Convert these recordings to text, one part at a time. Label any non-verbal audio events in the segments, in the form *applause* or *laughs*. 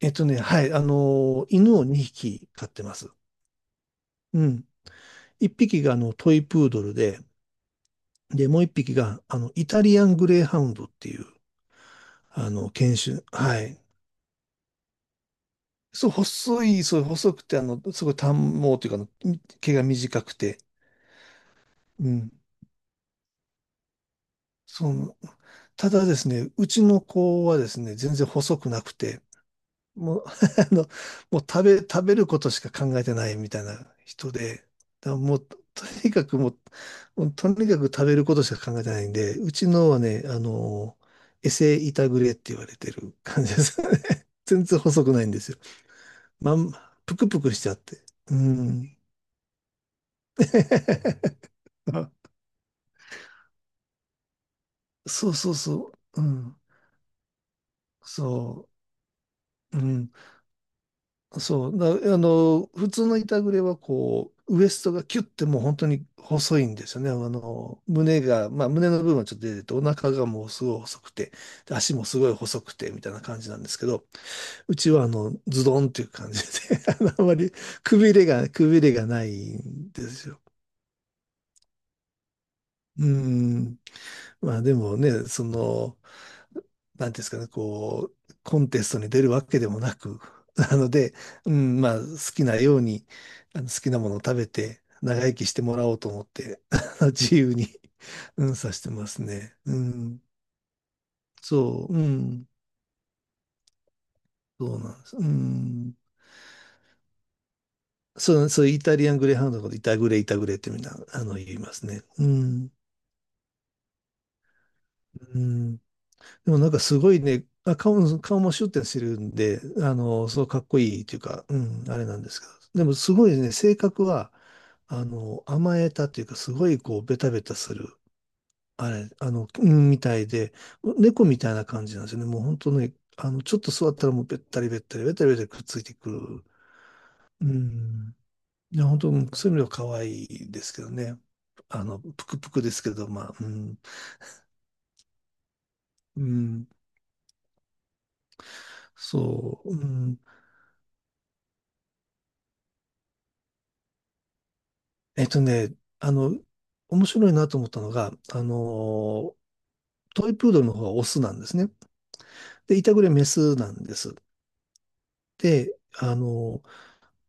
はい、犬を2匹飼ってます。うん。1匹がトイプードルで、もう1匹がイタリアングレーハウンドっていう、犬種。はい。そう、細い、そう、細くて、すごい短毛というか毛が短くて。うん。その、ただですね、うちの子はですね、全然細くなくて、もう、*laughs* あの、もう食べ、食べることしか考えてないみたいな人で、だからもう、とにかくもう、もうとにかく食べることしか考えてないんで、うちのはね、エセイタグレって言われてる感じですよね。*laughs* 全然細くないんですよ。まん、ぷくぷくしちゃって。うん。*laughs* あ、そうそうそう。うん。そう。うん。そう、な、あの、普通の板グレはこう、ウエストがキュッてもう本当に細いんですよね。まあ胸の部分はちょっと出てて、お腹がもうすごい細くて、で足もすごい細くて、みたいな感じなんですけど、うちはズドンっていう感じで *laughs* あんまりくびれがないんですよ。うん。まあでもね、なんていうんですかね、コンテストに出るわけでもなく、*laughs* なので、うん、まあ、好きなように、好きなものを食べて、長生きしてもらおうと思って、*laughs* 自由に、うん、さしてますね。うん、そう、うん、そうなんです。うん、そう、そう、イタリアングレーハウンドのこと、イタグレ、イタグレってみんな、言いますね。うん、うん。でもなんかすごいね、あ、顔もシュッてしてるんで、そうかっこいいというか、うん、あれなんですけど。でもすごいね、性格は、甘えたというか、すごいこう、ベタベタする、あれ、うんみたいで、猫みたいな感じなんですよね。もう本当ね、ちょっと座ったらもうべったりべったり、べったりべったりくっついてくる。うん。いや、本当、そういう意味では可愛いですけどね。ぷくぷくですけど、まあ、うん、うん、そう、うん。えっとね、あの、面白いなと思ったのが、トイプードルの方がオスなんですね。で、イタグレメスなんです。で、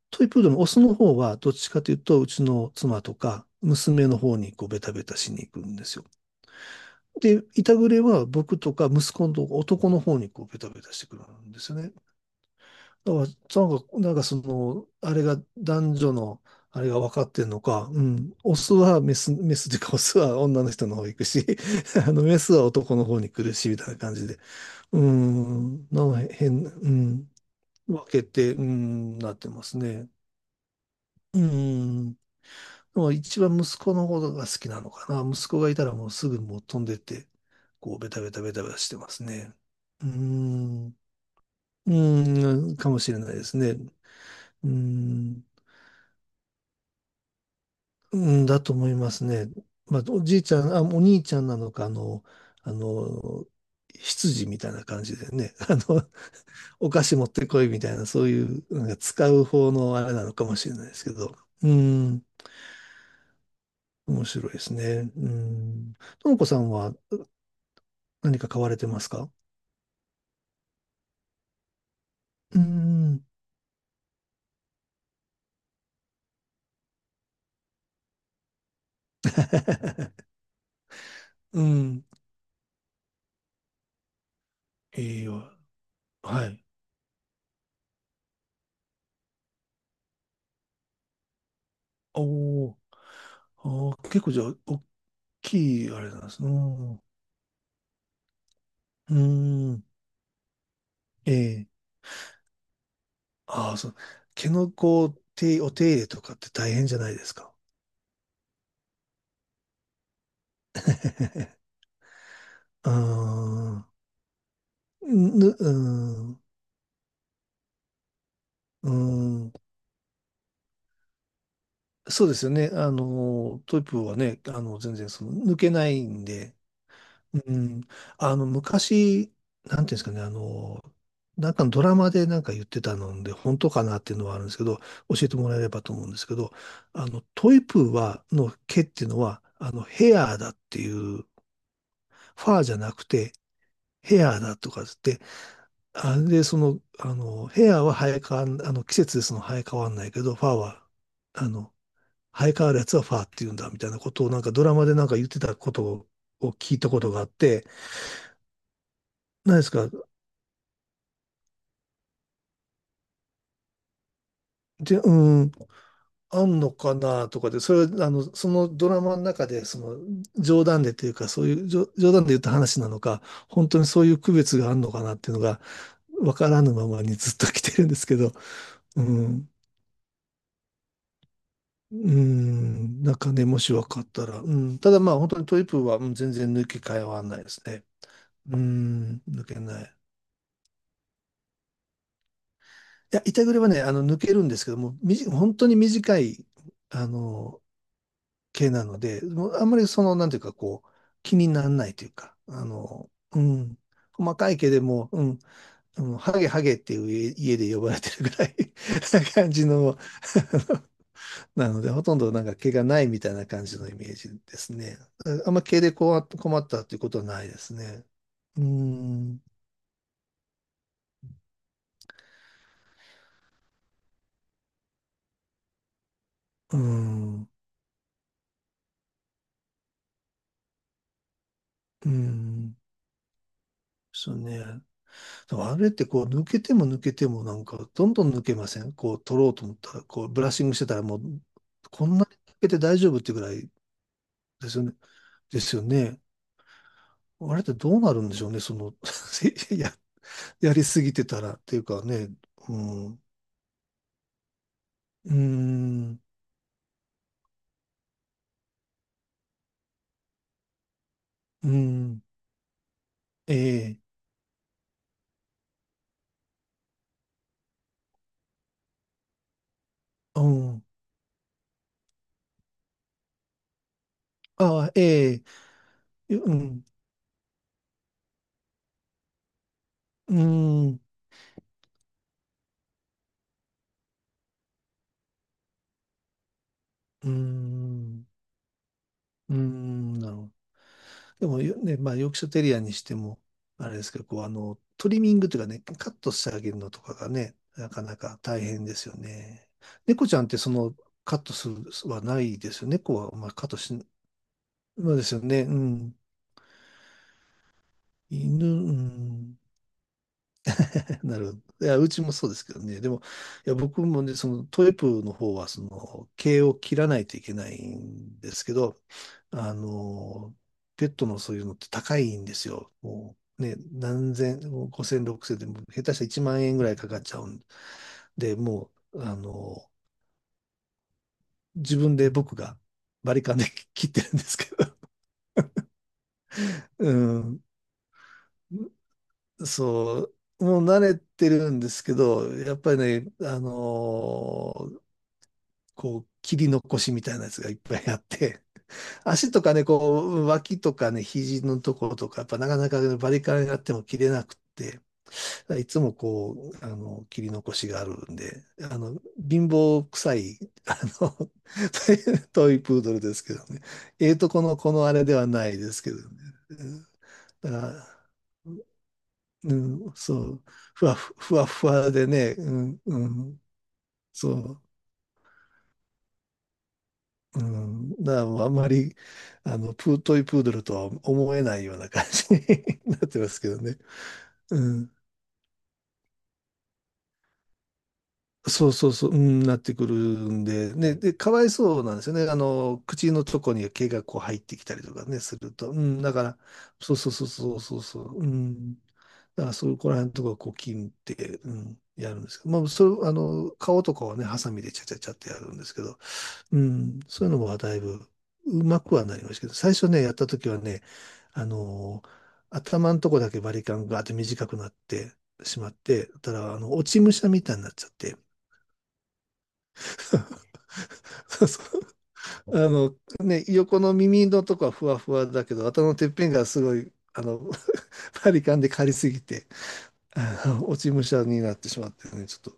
トイプードルのオスの方は、どっちかというと、うちの妻とか、娘の方にこうベタベタしに行くんですよ。で、イタグレは僕とか息子の男の方にこうベタベタしてくるんですよね。だから、なんかその、あれが男女の、あれが分かってんのか、うん、オスはメス、メスというか、オスは女の人の方行くし、*laughs* メスは男の方に来るし、みたいな感じで、うん、なんか変、うん、分けて、うん、なってますね。うん、でも一番息子の方が好きなのかな。息子がいたらもうすぐもう飛んでって、こう、ベタベタベタベタしてますね。うん、うん、かもしれないですね。うんうん、だと思いますね。まあ、お兄ちゃんなのか、あの、羊みたいな感じでね、*laughs* お菓子持ってこいみたいな、そういう、なんか使う方のあれなのかもしれないですけど、うん、面白いですね。うん。ともこさんは何か買われてますか？うん。*laughs* うん。いいよ。はい。おー。あー、結構じゃあ、大きいあれなんですね。うん。うん、ええ、ああ、そう。毛のこう、お手入れとかって大変じゃないですか？*laughs* ああ、うん、うん、そうですよね。トイプーはね、全然その抜けないんで、うん、昔、なんていうんですかね、なんかのドラマでなんか言ってたので、本当かなっていうのはあるんですけど、教えてもらえればと思うんですけど、トイプーは、の毛っていうのは、ヘアーだっていう、ファーじゃなくて、ヘアだとかつって、あれで、その、あの、ヘアは生え変わん、あの、季節でその生え変わんないけど、ファーは、あの、生え変わるやつはファーって言うんだ、みたいなことをなんかドラマでなんか言ってたことを聞いたことがあって、何ですか、で、うーん、あんのかなとかで、それそのドラマの中で、その、冗談でというか、そういう、冗談で言った話なのか、本当にそういう区別があるのかなっていうのが、わからぬままにずっと来てるんですけど、うん。うん、なんかね、もし分かったら。うん、ただまあ、本当にトイプーは、全然抜け替えはないですね。うん、抜けない。いや、板栗はね、抜けるんですけども、本当に短い、あの、毛なので、もうあんまりその、なんていうか、こう、気にならないというか、うん、細かい毛でも、うん、ハゲハゲっていう家で呼ばれてるぐらい *laughs* な感じのなので、ほとんどなんか毛がないみたいな感じのイメージですね。ああんま毛で困った困ったっていうことはないですね。うーん、うーん、うーん。そうね。でもあれってこう抜けても抜けてもなんかどんどん抜けません、こう取ろうと思ったら、こうブラッシングしてたらもうこんなに抜けて大丈夫っていうぐらいですよね。ですよね。あれってどうなるんでしょうね。その *laughs* や、やりすぎてたらっていうかね。うん、うーん、うーん、ええ、うん。ああ、ええ、うん、うん、うん、うん、なるほど。でもよ、ね、まあ、ヨークシャテリアにしても、あれですけど、こう、トリミングというかね、カットしてあげるのとかがね、なかなか大変ですよね。猫ちゃんってその、カットするはないですよね。猫は、まあ、カットし、まあですよね。うん。犬、うん。*laughs* なるほど。いや、うちもそうですけどね。でも、いや、僕もね、そのトイプーの方は、その、毛を切らないといけないんですけど、あの、ペットのそういうのって高いんですよ。もうね、何千、も5千、6千で、も下手したら1万円ぐらいかかっちゃうんで、もう、自分で僕がバリカンで *laughs* 切ってるんですけど、*laughs* うん、そう、もう慣れてるんですけど、やっぱりね、こう、切り残しみたいなやつがいっぱいあって、*laughs* 足とかね、こう、脇とかね、肘のところとか、やっぱなかなかねバリカンやっても切れなくて、いつもこう、切り残しがあるんで、貧乏臭い、*laughs* あの、*laughs* トイプードルですけどね。このあれではないですけどね。うん。だから、うん、そう、ふわふわでね、うん、うん、そう。うん、だからもうあんまり、トイプードルとは思えないような感じに *laughs* なってますけどね。うん。そうそうそう、うん、なってくるんで、ね、で、かわいそうなんですよね。口のとこに毛がこう入ってきたりとかね、すると。うん、だから、そうそうそうそうそうそう、うん。だから、そこら辺のとこはこう切って、うん、やるんですけど、まあ、それ、顔とかはね、ハサミでちゃちゃちゃってやるんですけど、うん、そういうのはだいぶうまくはなりましたけど、最初ね、やった時はね、あのー頭のとこだけバリカンがあって短くなってしまって、たら、あの、落ち武者みたいになっちゃって、*laughs* そうそうあの、ね、横の耳のとこはふわふわだけど、頭のてっぺんがすごい、*laughs* バリカンで刈りすぎて、落ち武者になってしまってね、ちょっと、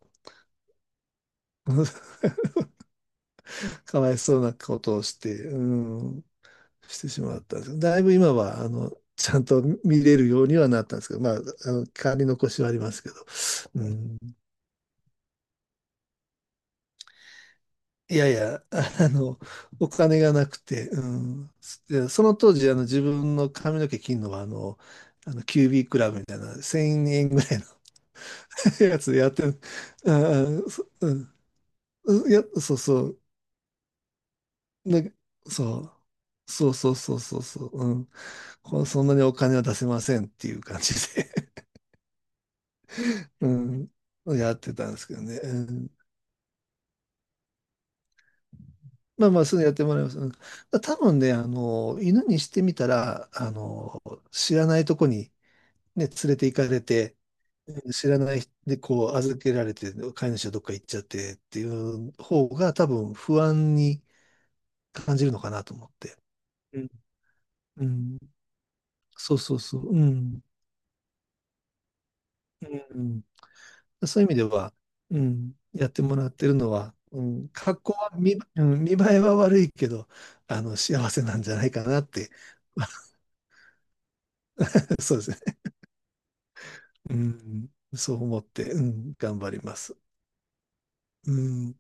*laughs* かわいそうなことをして、うん、してしまったんですけど、だいぶ今は、ちゃんと見れるようにはなったんですけど、まあ、代り残しはありますけど、うん、いやいや、あの、お金がなくて、うん、でその当時、自分の髪の毛切るのは、QB クラブみたいな、1000円ぐらいの *laughs* やつでやってる、うんうんそうんうんいや、そうそう、ね、そう。そうそうそうそうそう、うん。そんなにお金は出せませんっていう感じでうん、やってたんですけどね。うん、まあまあ、すぐやってもらいます。うん、多分ね、犬にしてみたら、知らないとこにね、連れて行かれて、知らない人でこう預けられて、飼い主はどっか行っちゃってっていう方が多分不安に感じるのかなと思って。うんうん、そうそうそう。うん。うん、そういう意味では、うん、やってもらってるのは、うん、格好はうん、見栄えは悪いけど、幸せなんじゃないかなって、*laughs* そうですね。うん、そう思って、うん、頑張ります。うん。